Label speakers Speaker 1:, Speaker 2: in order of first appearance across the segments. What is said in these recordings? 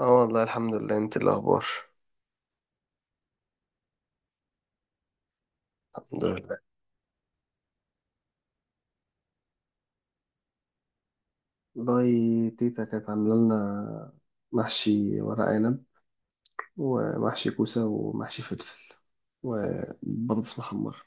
Speaker 1: اه، والله الحمد لله. انت إيه الاخبار؟ الحمد لله. والله، تيتا كانت عاملة لنا محشي ورق عنب ومحشي كوسة ومحشي فلفل وبطاطس محمرة.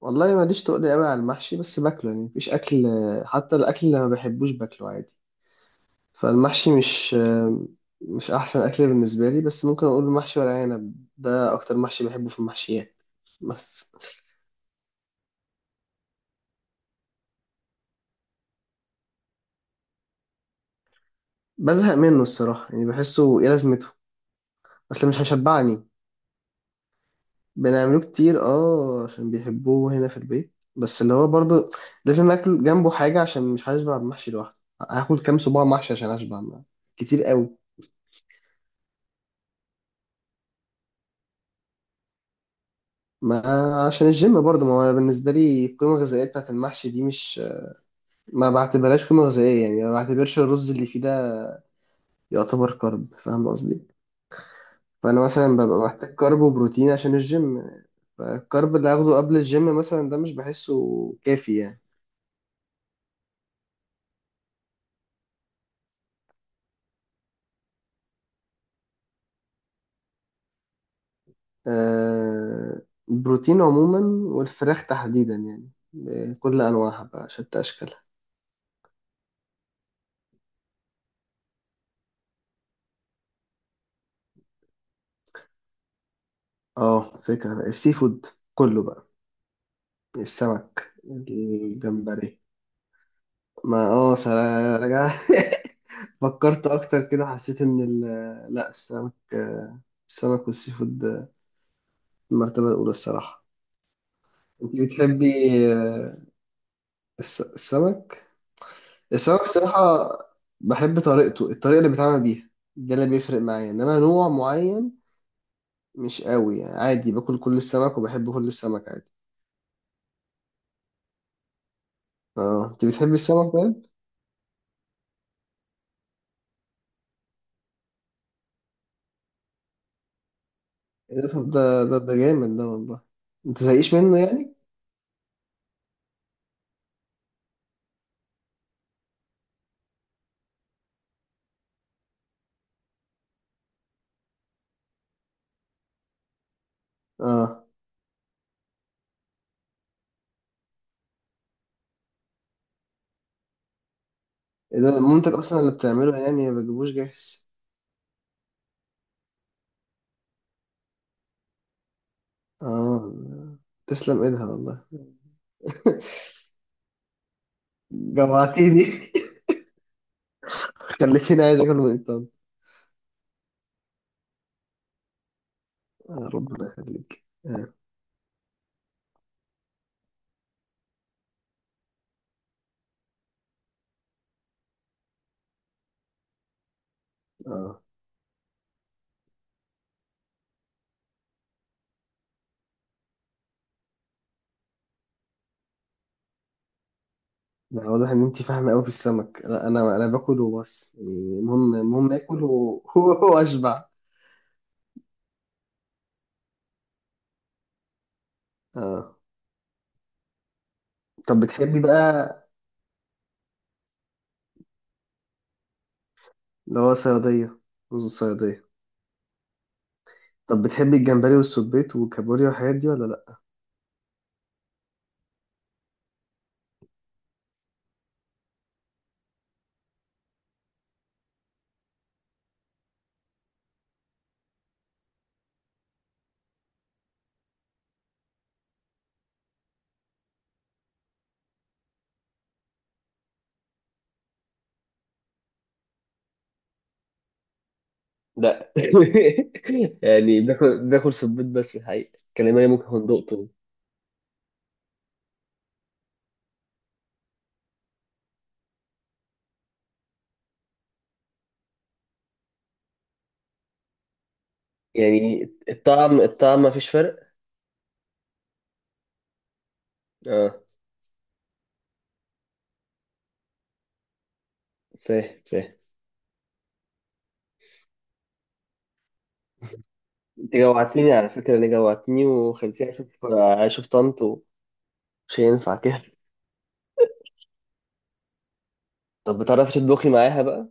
Speaker 1: والله، ماليش تقول قوي على المحشي، بس باكله يعني مفيش أكل. حتى الأكل اللي ما بحبوش باكله عادي. فالمحشي مش أحسن أكل بالنسبة لي، بس ممكن أقول محشي ورق عنب ده أكتر محشي بحبه في المحشيات. بس بزهق منه الصراحة، يعني بحسه إيه لازمته. أصل مش هيشبعني. بنعمله كتير، اه، عشان بيحبوه هنا في البيت، بس اللي هو برضه لازم اكل جنبه حاجة عشان مش هشبع بمحشي لوحده. هاكل كام صباع محشي عشان اشبع ما. كتير قوي. ما عشان الجيم برضه، ما هو بالنسبة لي القيمة الغذائية بتاعت المحشي دي مش، ما بعتبرهاش قيمة غذائية، يعني ما بعتبرش الرز اللي فيه ده يعتبر كارب، فاهم قصدي؟ فأنا مثلا ببقى محتاج كارب وبروتين عشان الجيم، فالكارب اللي هاخده قبل الجيم مثلا ده مش بحسه كافي يعني. آه، البروتين عموما، والفراخ تحديدا، يعني بكل انواعها بقى شتى اشكالها. اه، فكرة بقى السي فود كله بقى. السمك، الجمبري. ما رجع. فكرت اكتر كده، حسيت ان ال... لا، السمك. السمك والسي فود. المرتبة الاولى الصراحة. انت بتحبي؟ آه، السمك. السمك الصراحة، بحب طريقته، الطريقة اللي بيتعمل بيها، ده اللي بيفرق معايا، انما نوع معين مش قوي يعني، عادي باكل كل السمك وبحب كل السمك عادي. اه، انت بتحبي السمك طيب؟ ايه ده؟ طب ده جامد ده والله. انت زهقيش منه يعني؟ اه. ايه ده؟ مامتك اصلا اللي بتعمله يعني، ما بتجيبوش جاهز؟ اه، تسلم ايدها والله. جوعتيني. خليتيني عايز اكل من الطن. آه ربنا يخليك. اه. اه، لا، واضح ان انت فاهمه قوي في السمك. لا، انا باكل وبس يعني. المهم المهم اكل واشبع. اه، طب بتحبي بقى اللي هو صيادية، رز الصيادية. طب بتحبي الجمبري والسبيط والكابوريا والحاجات دي ولا لأ؟ لا. يعني بناكل سبيط، بس الحقيقة كلماني ممكن اكون دقته. يعني الطعم الطعم ما فيش فرق. اه، فاهم فاهم. انت جوعتني على فكرة، انا جوعتني وخلتني اشوف طنط، ومش هينفع كده. طب بتعرفي تطبخي معاها بقى؟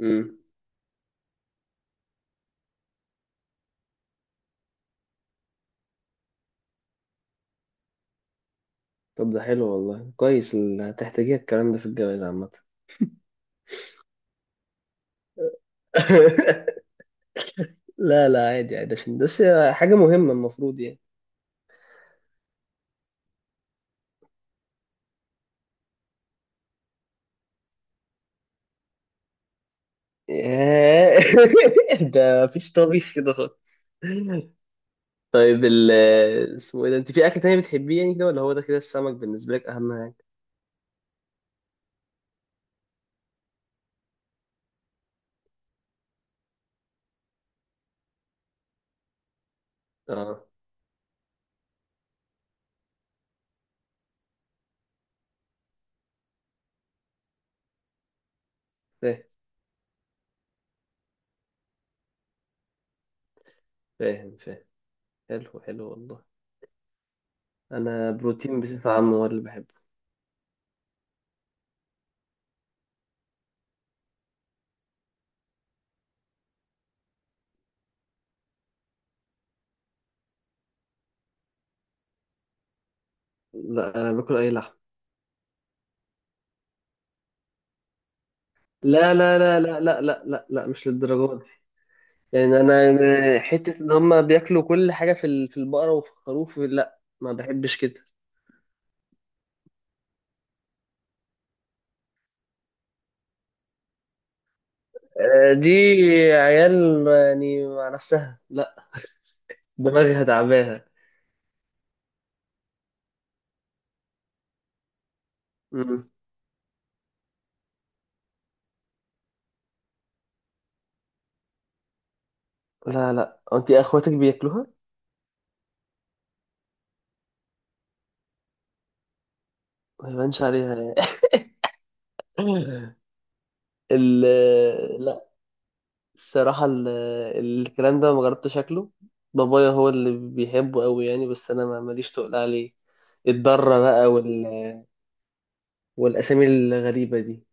Speaker 1: امم. طب ده حلو والله، كويس، هتحتاجيها الكلام ده في الجواز عامة. لا لا، عادي عادي، عشان بس حاجة مهمة المفروض يعني. ياه. ده مفيش طبيخ كده خالص. طيب اسمه ايه ده؟ انت في اكل تاني بتحبيه يعني كده، ولا هو ده كده السمك بالنسبه لك اهم حاجه؟ اه، فاهم فاهم فاهم. حلو حلو والله. انا بروتين بصفه عامه هو اللي بحبه. لا، انا باكل اي لحم. لا لا لا لا لا لا لا, لا، مش للدرجه دي. يعني انا حته ان هم بياكلوا كل حاجه في البقره وفي الخروف، لا ما بحبش كده. دي عيال يعني مع نفسها، دماغها تعباها. مم. لا لا، انت اخواتك بياكلوها؟ ما يبانش عليها يعني. ال... لا، الصراحة ال... الكلام ده ما جربتش شكله. بابايا هو اللي بيحبه قوي يعني، بس انا ما ماليش تقول عليه. الضرة بقى وال... والاسامي الغريبة دي.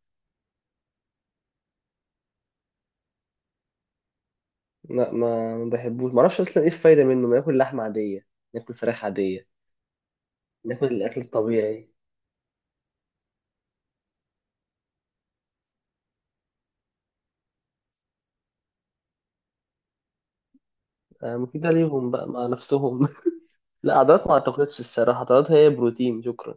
Speaker 1: لا، ما بحبوش، ما اعرفش اصلا ايه الفايدة منه، ما ناكل لحمة عادية، ناكل فراخ عادية، ناكل الاكل الطبيعي. آه، مفيدة ليهم بقى مع نفسهم. لا، عضلات ما اعتقدش الصراحة، عضلات هي بروتين شكرا.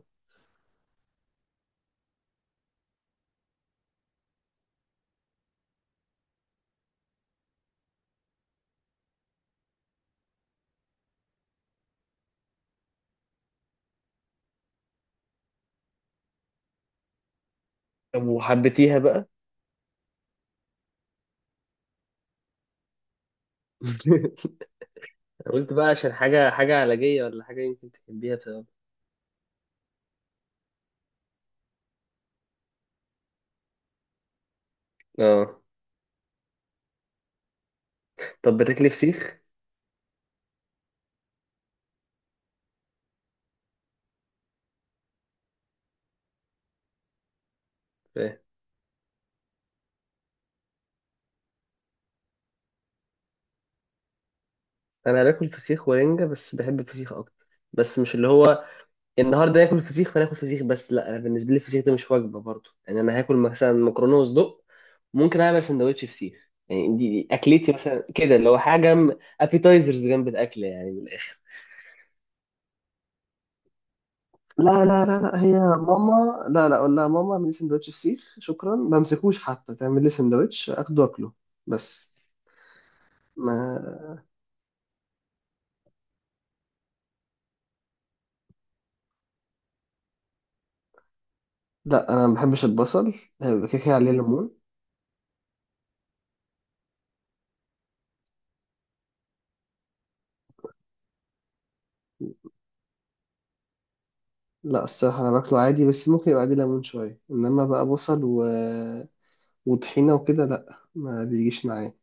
Speaker 1: طب وحبيتيها بقى؟ قلت بقى عشان حاجة علاجية، ولا حاجة يمكن تحبيها بسبب. اه، طب بتاكلي فسيخ؟ فاهم. انا باكل فسيخ ورنجة، بس بحب الفسيخ اكتر. بس مش اللي هو النهارده ناكل فسيخ فناكل فسيخ، بس لا، انا بالنسبة لي الفسيخ ده مش وجبة برضه، يعني انا هاكل مثلا مكرونة وصدق، ممكن اعمل سندوتش فسيخ. يعني دي اكلتي مثلا كده، اللي هو حاجة ابيتايزرز جنب الاكل يعني من الاخر. لا لا لا لا، هي ماما، لا لا، اقول لها ماما اعملي لي سندوتش فسيخ شكرا؟ ما امسكوش حتى تعمل لي سندوتش اخده واكله. بس ما لا، انا ما بحبش البصل، هيبقى كده كده عليه ليمون. لا، الصراحه انا باكله عادي، بس ممكن يبقى عليه ليمون شويه، انما بقى بصل و... وطحينه وكده، لا، ما بيجيش معايا.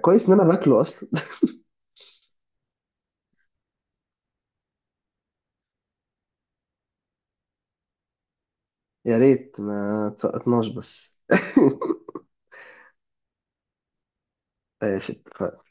Speaker 1: كويس ان انا باكله اصلا. يا ريت ما تسقطناش بس. قافل.